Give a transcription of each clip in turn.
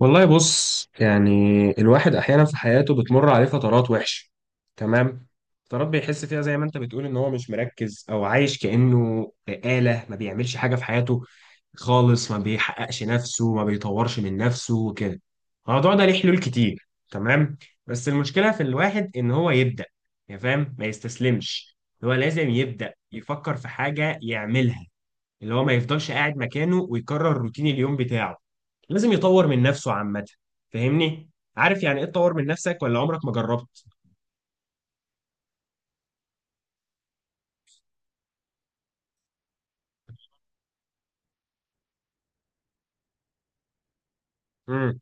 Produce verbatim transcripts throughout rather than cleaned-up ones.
والله بص، يعني الواحد احيانا في حياته بتمر عليه فترات وحشه. تمام. فترات بيحس فيها زي ما انت بتقول ان هو مش مركز او عايش كانه آلة، ما بيعملش حاجه في حياته خالص، ما بيحققش نفسه، ما بيطورش من نفسه وكده. الموضوع ده ليه حلول كتير، تمام. بس المشكله في الواحد ان هو يبدا، يعني فاهم، ما يستسلمش. هو لازم يبدا يفكر في حاجه يعملها، اللي هو ما يفضلش قاعد مكانه ويكرر روتين اليوم بتاعه. لازم يطور من نفسه عامة. فاهمني؟ عارف يعني ايه تطور من نفسك ولا عمرك ما جربت؟ امم،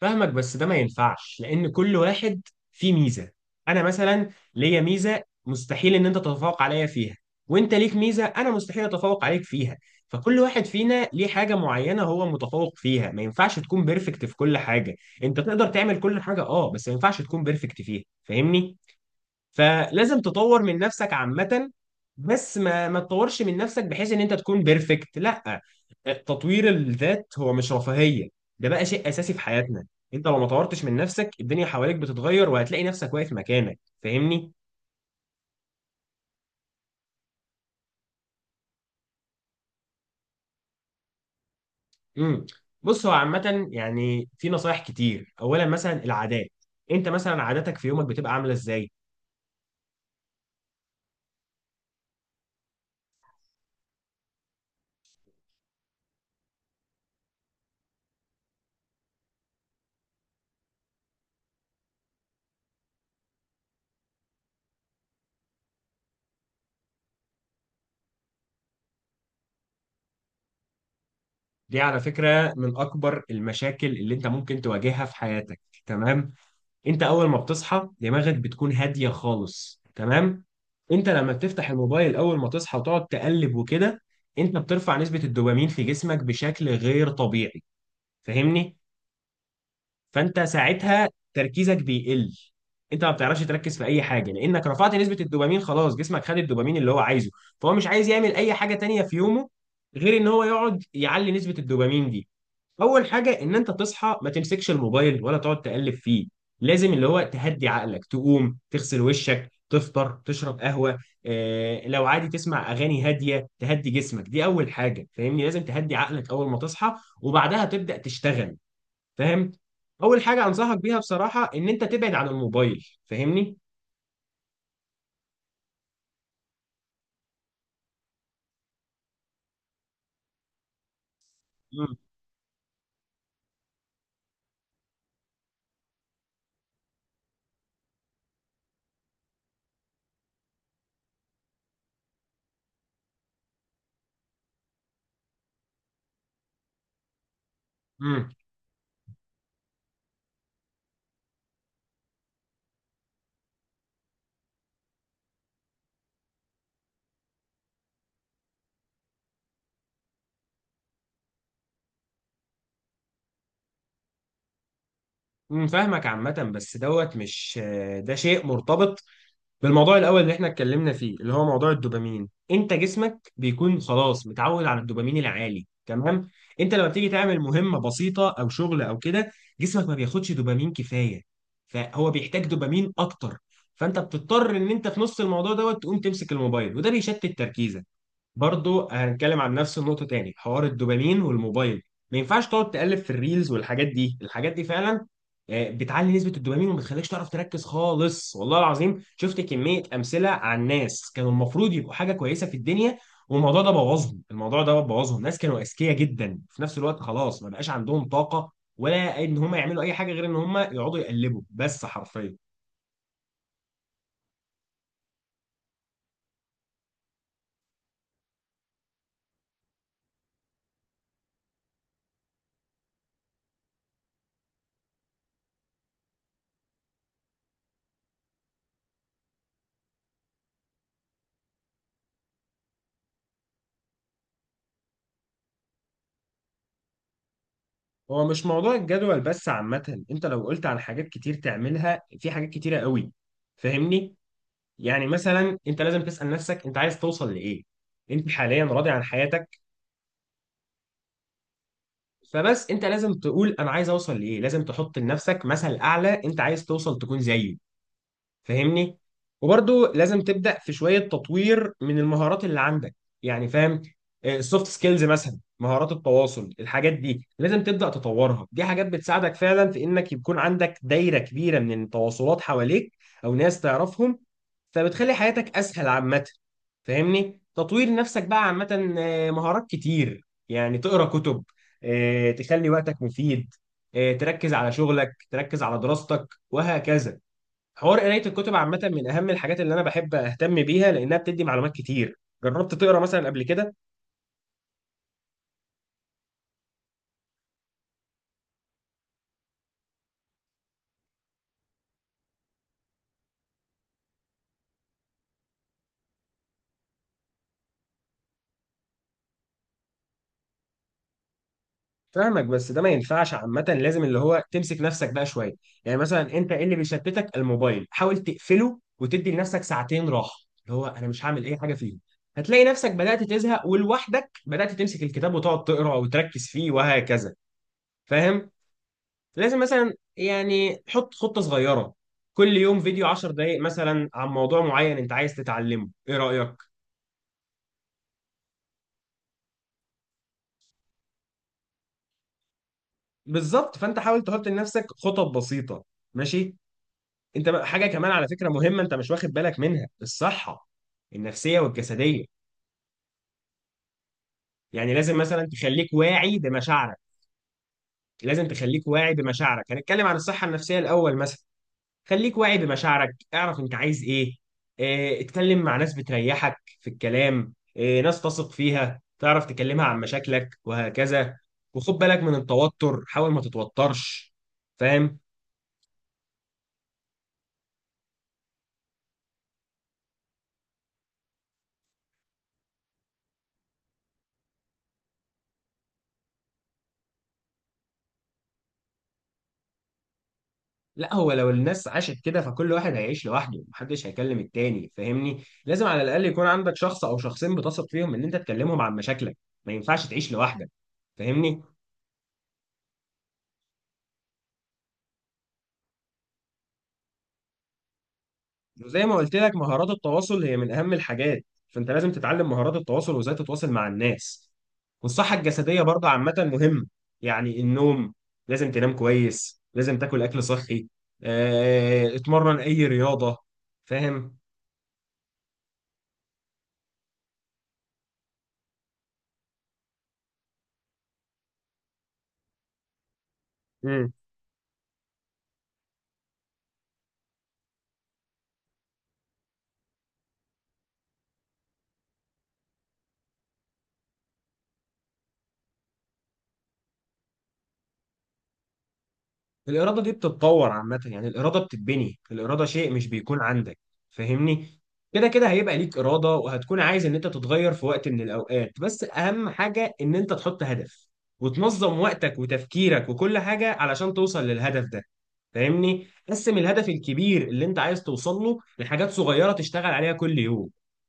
فاهمك، بس ده ما ينفعش، لأن كل واحد فيه ميزة. أنا مثلا ليا ميزة مستحيل إن أنت تتفوق عليا فيها، وأنت ليك ميزة أنا مستحيل أتفوق عليك فيها. فكل واحد فينا ليه حاجة معينة هو متفوق فيها، ما ينفعش تكون بيرفكت في كل حاجة. أنت تقدر تعمل كل حاجة، أه، بس ما ينفعش تكون بيرفكت فيها، فاهمني؟ فلازم تطور من نفسك عامة، بس ما ما تطورش من نفسك بحيث ان انت تكون بيرفكت، لا. تطوير الذات هو مش رفاهية، ده بقى شيء اساسي في حياتنا. انت لو ما طورتش من نفسك، الدنيا حواليك بتتغير، وهتلاقي نفسك واقف مكانك. فاهمني؟ امم. بص، هو عامة يعني في نصايح كتير. اولا مثلا العادات. انت مثلا عاداتك في يومك بتبقى عاملة ازاي؟ دي على فكرة من اكبر المشاكل اللي انت ممكن تواجهها في حياتك. تمام. انت اول ما بتصحى، دماغك بتكون هاديه خالص. تمام. انت لما بتفتح الموبايل اول ما تصحى وتقعد تقلب وكده، انت بترفع نسبه الدوبامين في جسمك بشكل غير طبيعي، فاهمني. فانت ساعتها تركيزك بيقل. انت ما بتعرفش تركز في اي حاجه، لانك رفعت نسبه الدوبامين، خلاص جسمك خد الدوبامين اللي هو عايزه، فهو مش عايز يعمل اي حاجه تانية في يومه غير ان هو يقعد يعلي نسبه الدوبامين دي. اول حاجه، ان انت تصحى ما تمسكش الموبايل ولا تقعد تقلب فيه. لازم اللي هو تهدي عقلك، تقوم تغسل وشك، تفطر، تشرب قهوه، آه لو عادي تسمع اغاني هاديه تهدي جسمك. دي اول حاجه، فاهمني، لازم تهدي عقلك اول ما تصحى، وبعدها تبدا تشتغل، فاهم؟ اول حاجه انصحك بيها بصراحه ان انت تبعد عن الموبايل، فاهمني. امم امم فاهمك عامه، بس دوت مش آه، ده شيء مرتبط بالموضوع الاول اللي احنا اتكلمنا فيه، اللي هو موضوع الدوبامين. انت جسمك بيكون خلاص متعود على الدوبامين العالي. تمام. انت لما بتيجي تعمل مهمه بسيطه او شغل او كده، جسمك ما بياخدش دوبامين كفايه، فهو بيحتاج دوبامين اكتر. فانت بتضطر ان انت في نص الموضوع دوت تقوم تمسك الموبايل، وده بيشتت تركيزك. برضو هنتكلم عن نفس النقطة تاني، حوار الدوبامين والموبايل. ما ينفعش تقعد تقلب في الريلز والحاجات دي، الحاجات دي فعلا آه، بتعلي نسبة الدوبامين وما بتخليكش تعرف تركز خالص. والله العظيم شفت كمية أمثلة عن ناس كانوا المفروض يبقوا حاجة كويسة في الدنيا، والموضوع ده بوظهم. الموضوع ده بوظهم ناس كانوا أذكياء جدا، في نفس الوقت خلاص ما بقاش عندهم طاقة، ولا إن هم يعملوا أي حاجة غير إن هم يقعدوا يقلبوا بس، حرفيا. هو مش موضوع الجدول بس، عامة انت لو قلت عن حاجات كتير تعملها، في حاجات كتيرة قوي، فاهمني. يعني مثلا انت لازم تسأل نفسك انت عايز توصل لإيه. انت حاليا راضي عن حياتك؟ فبس انت لازم تقول انا عايز اوصل لإيه. لازم تحط لنفسك مثل اعلى انت عايز توصل تكون زيه، فاهمني. وبرضو لازم تبدأ في شوية تطوير من المهارات اللي عندك، يعني فاهم. السوفت سكيلز مثلا، مهارات التواصل، الحاجات دي لازم تبدأ تطورها. دي حاجات بتساعدك فعلا في انك يكون عندك دايرة كبيرة من التواصلات حواليك، او ناس تعرفهم، فبتخلي حياتك اسهل عامة، فاهمني. تطوير نفسك بقى عامة آه، مهارات كتير، يعني تقرا كتب، آه، تخلي وقتك مفيد، آه، تركز على شغلك، تركز على دراستك، وهكذا. حوار قراية الكتب عامة من أهم الحاجات اللي أنا بحب أهتم بيها، لأنها بتدي معلومات كتير. جربت تقرا مثلا قبل كده؟ فاهمك، بس ده ما ينفعش عامة. لازم اللي هو تمسك نفسك بقى شوية. يعني مثلا أنت إيه اللي بيشتتك؟ الموبايل، حاول تقفله وتدي لنفسك ساعتين راحة، اللي هو أنا مش هعمل أي حاجة فيهم. هتلاقي نفسك بدأت تزهق، ولوحدك بدأت تمسك الكتاب وتقعد تقرا وتركز فيه وهكذا، فاهم؟ لازم مثلا، يعني حط خطة صغيرة، كل يوم فيديو 10 دقايق مثلا عن موضوع معين أنت عايز تتعلمه. إيه رأيك؟ بالظبط. فانت حاول تحط لنفسك خطط بسيطه. ماشي. انت بقى- حاجه كمان على فكره مهمه انت مش واخد بالك منها، الصحه النفسيه والجسديه. يعني لازم مثلا تخليك واعي بمشاعرك. لازم تخليك واعي بمشاعرك. هنتكلم عن الصحه النفسيه الاول مثلا. خليك واعي بمشاعرك، اعرف انت عايز ايه. اه، اتكلم مع ناس بتريحك في الكلام. اه، ناس تثق فيها، تعرف تكلمها عن مشاكلك وهكذا. وخد بالك من التوتر، حاول ما تتوترش. فاهم؟ لا، هو لو الناس عاشت كده، فكل واحد هيعيش لوحده، محدش هيكلم التاني، فاهمني. لازم على الاقل يكون عندك شخص او شخصين بتثق فيهم ان انت تكلمهم عن مشاكلك. ما ينفعش تعيش لوحدك، فاهمني. وزي ما قلت لك، مهارات التواصل هي من اهم الحاجات. فانت لازم تتعلم مهارات التواصل وازاي تتواصل مع الناس. والصحة الجسدية برضه عامة مهمة. يعني النوم، لازم تنام كويس، لازم تاكل أكل صحي، آه، اتمرن أي رياضة، فاهم؟ الإرادة دي بتتطور عامة. يعني الإرادة بتتبني، الإرادة شيء مش بيكون عندك، فاهمني. كده كده هيبقى ليك إرادة، وهتكون عايز إن أنت تتغير في وقت من الأوقات. بس أهم حاجة إن أنت تحط هدف وتنظم وقتك وتفكيرك وكل حاجة علشان توصل للهدف ده، فاهمني. قسم الهدف الكبير اللي أنت عايز توصل له لحاجات صغيرة تشتغل عليها كل يوم،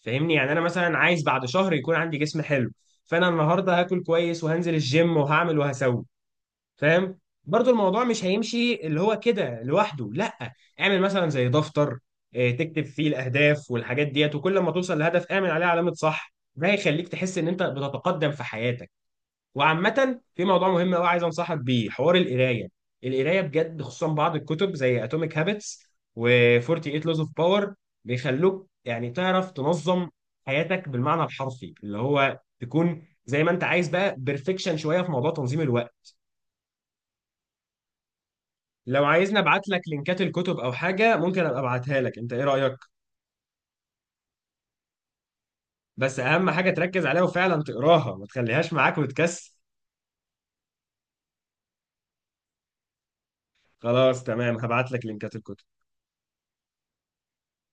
فاهمني. يعني أنا مثلا عايز بعد شهر يكون عندي جسم حلو، فأنا النهاردة هاكل كويس وهنزل الجيم وهعمل وهسوي، فاهم؟ برضو الموضوع مش هيمشي اللي هو كده لوحده، لا. اعمل مثلا زي دفتر، آه، تكتب فيه الاهداف والحاجات ديت، وكل ما توصل لهدف اعمل عليه علامة صح. ده هيخليك تحس ان انت بتتقدم في حياتك. وعامة، في موضوع مهم قوي عايز انصحك بيه، حوار القراية. القراية بجد، خصوصا بعض الكتب زي اتوميك هابتس و48 لوز اوف باور، بيخلوك يعني تعرف تنظم حياتك بالمعنى الحرفي، اللي هو تكون زي ما انت عايز بقى، بيرفكشن شوية في موضوع تنظيم الوقت. لو عايزني ابعت لك لينكات الكتب او حاجه ممكن ابقى ابعتها لك، انت ايه رايك؟ بس اهم حاجه تركز عليها وفعلا تقراها، ما تخليهاش معاك وتكسل. خلاص، تمام، هبعت لك لينكات الكتب.